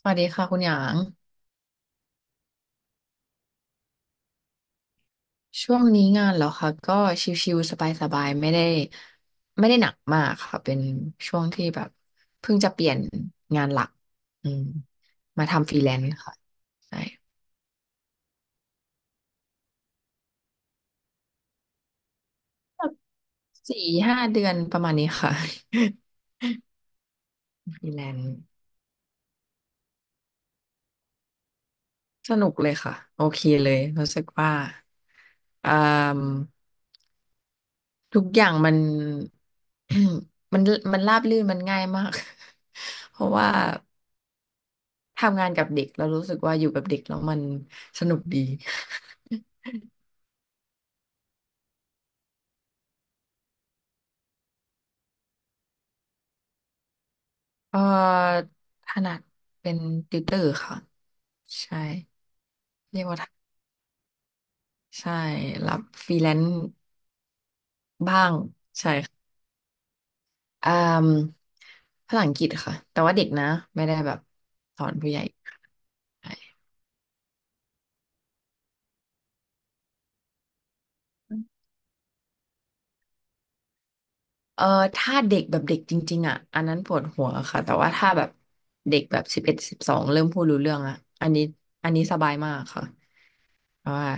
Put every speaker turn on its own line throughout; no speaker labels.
สวัสดีค่ะคุณหยางช่วงนี้งานเหรอคะก็ชิวๆสบายๆไม่ได้ไม่ได้หนักมากค่ะเป็นช่วงที่แบบเพิ่งจะเปลี่ยนงานหลักอืมมาทำฟรีแลนซ์ค่ะใช่แบบสี่ห้าเดือนประมาณนี้ค่ะ ฟรีแลนซ์สนุกเลยค่ะโอเคเลยรู้สึกว่าอ่ามทุกอย่างมัน มันมันราบรื่นมันง่ายมาก เพราะว่า ทำงานกับเด็กเรารู้สึกว่าอยู่กับเด็กแล้วมันสนุกดี เอ่อถนัดเป็นติวเตอร์ค่ะใช่เรียกว่าถนัดใช่รับฟรีแลนซ์บ้างใช่ค่ะอ่ามภาษาอังกฤษค่ะแต่ว่าเด็กนะไม่ได้แบบสอนผู้ใหญ่ใช่เอ่อถ้าเด็กแบบเด็กจริงๆอ่ะอันนั้นปวดหัวค่ะแต่ว่าถ้าแบบเด็กแบบสิบเอ็ดสิบสองเริ่มพูดรู้เรื่องอ่ะอันนี้อันนี้สบายมากค่ะเพราะว่า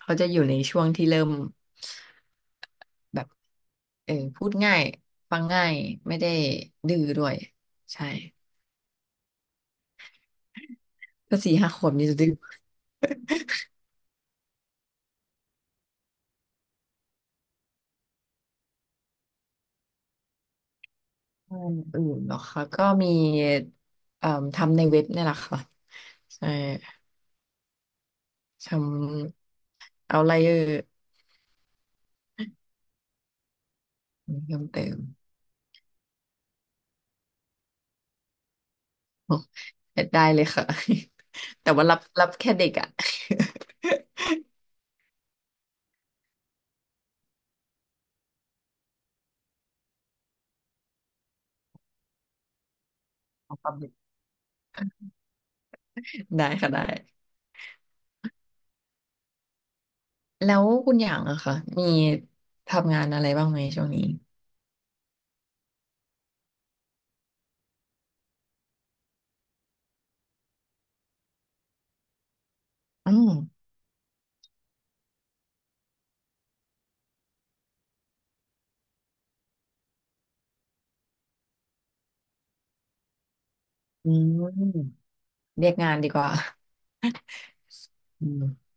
เขาจะอยู่ในช่วงที่เริ่มแบบเออพูดง่ายฟังง่ายไม่ได้ดื้อด้วยใช่ก็สี่ห้าขวบนี่จะดื้อ งานอื่นเหรอคะก็มีเอ่อทำในเว็บเนี่ยแหละค่ะใช่ทำเอาไลเออร์เพิ่มเติมอ๋อได้เลยค่ะ แต่ว่ารับแค่เด็กอะ เอาความเด็ก ได้ค่ะได้แล้วคุณอย่างอะค่ะมีทำงานอะไรบ้างไหมช่วงนี้ อืมอืม เรียกงานดีกว่าอืม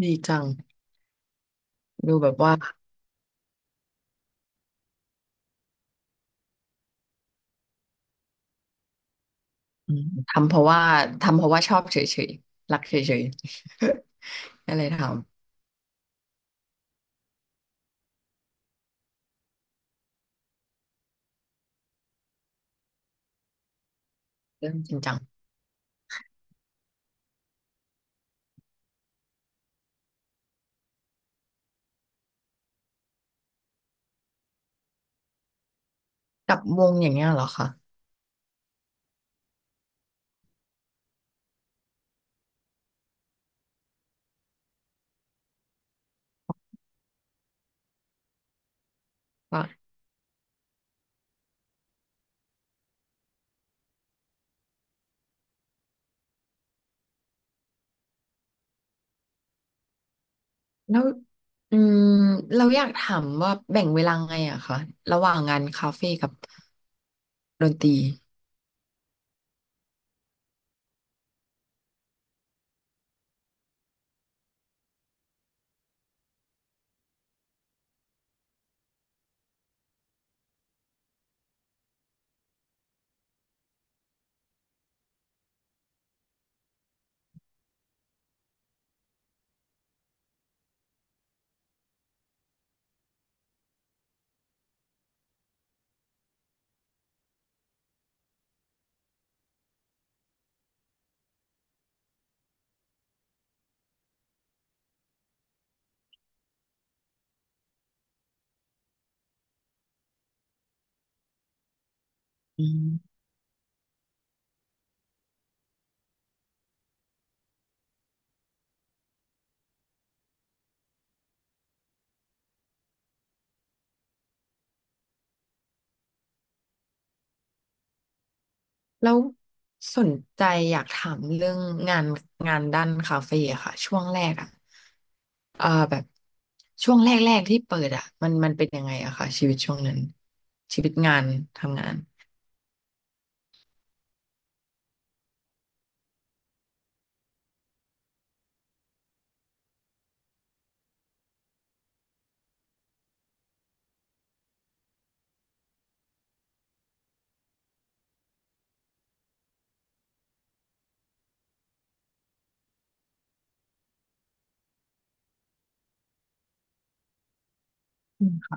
ดีจัง ดูแบบว่าอืมทำเพราะว่าทำเพราะว่าชอบเฉยๆรักเฉยๆ ก็เลยทำเรื่องจริงจังกับวงอย่างเงี้ยเหรอคะว่าแล้วอืมเราอยากถามว่าแบ่งเวลาไงอะคะระหว่างงานคาเฟ่กับดนตรี แล้วสนใจอยากถามเรื่องงานงานด้านคาเฟ่อะค่ะช่วงแรกอะเอ่อแบบช่วงแรกๆที่เปิดอะมันเป็นยังไงอะค่ะชีวิตช่วงนั้นชีวิตงานทำงานอืม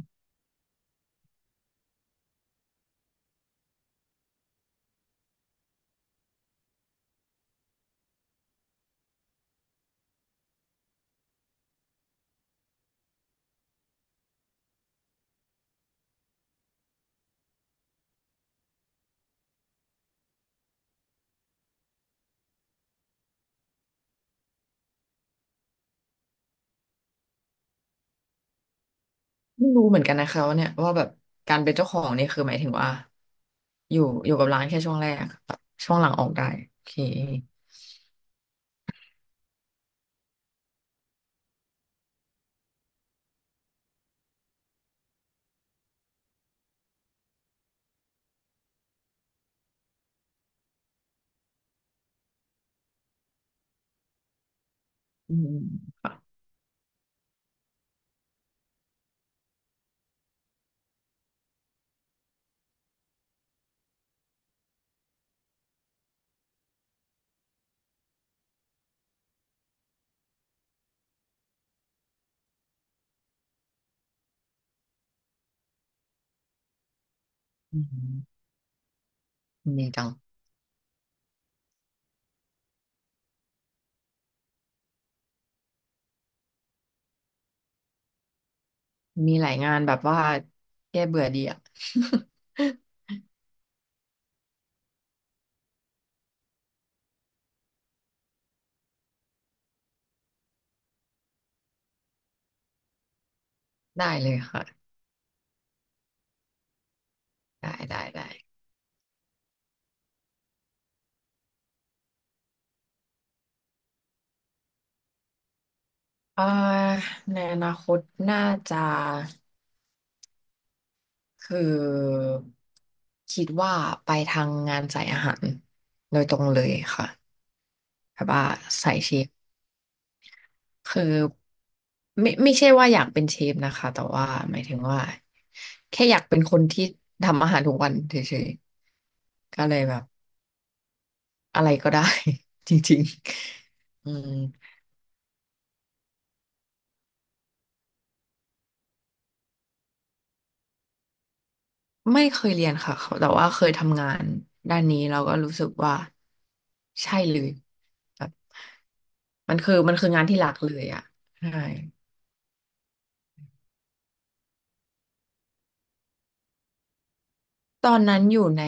ไม่รู้เหมือนกันนะคะว่าเนี่ยว่าแบบการเป็นเจ้าของเนี่ยคือหมายถึงว่าอยู่อยู่กับร้านแค่ช่วงแรกแบบช่วงหลังออกได้โอเคอืมค่ะอืมดีจังมีหลายงานแบบว่าแก้เบื่อดีอะ ได้เลยค่ะ ได้เอ่อในอนาคตน่าจะคือคิดว่าไปทางงานสายอาหารโดยตรงเลยค่ะแบบว่าสายเชฟคือไม่ไม่ใช่ว่าอยากเป็นเชฟนะคะแต่ว่าหมายถึงว่าแค่อยากเป็นคนที่ทำอาหารทุกวันเฉยๆก็เลยแบบอะไรก็ได้ จริงๆอืม ไม่เคยเรียนค่ะเขาแต่ว่าเคยทำงานด้านนี้เราก็รู้สึกว่าใช่เลยแบบมันคืองานที่หลักเลยอ่ะใช่ตอนนั้นอยู่ใน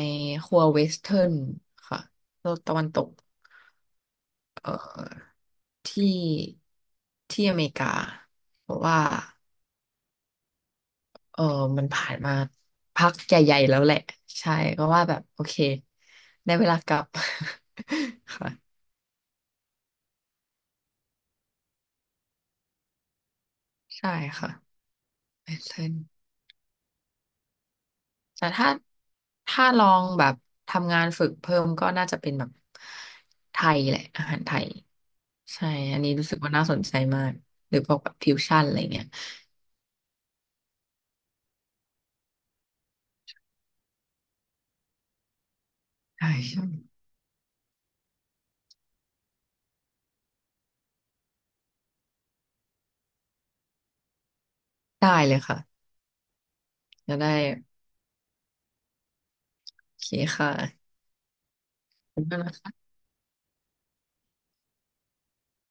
ครัวเวสเทิร์นค่ะโลกตะวันตกเอ่อที่ที่อเมริกาเพราะว่าเออมันผ่านมาพักใหญ่ๆแล้วแหละใช่ก็ว่าแบบโอเคในเวลากลับ ค่ะใช่ค่ะเวสเทิร์น แต่ถ้าถ้าลองแบบทำงานฝึกเพิ่มก็น่าจะเป็นแบบไทยแหละอาหารไทยใช่อันนี้รู้สึกว่าน่าสนใจมากหรือพวกแบบฟิวชั่นอะไรเงี้ยใช่ใช่ได้เลยค่ะจะได้โอเคค่ะ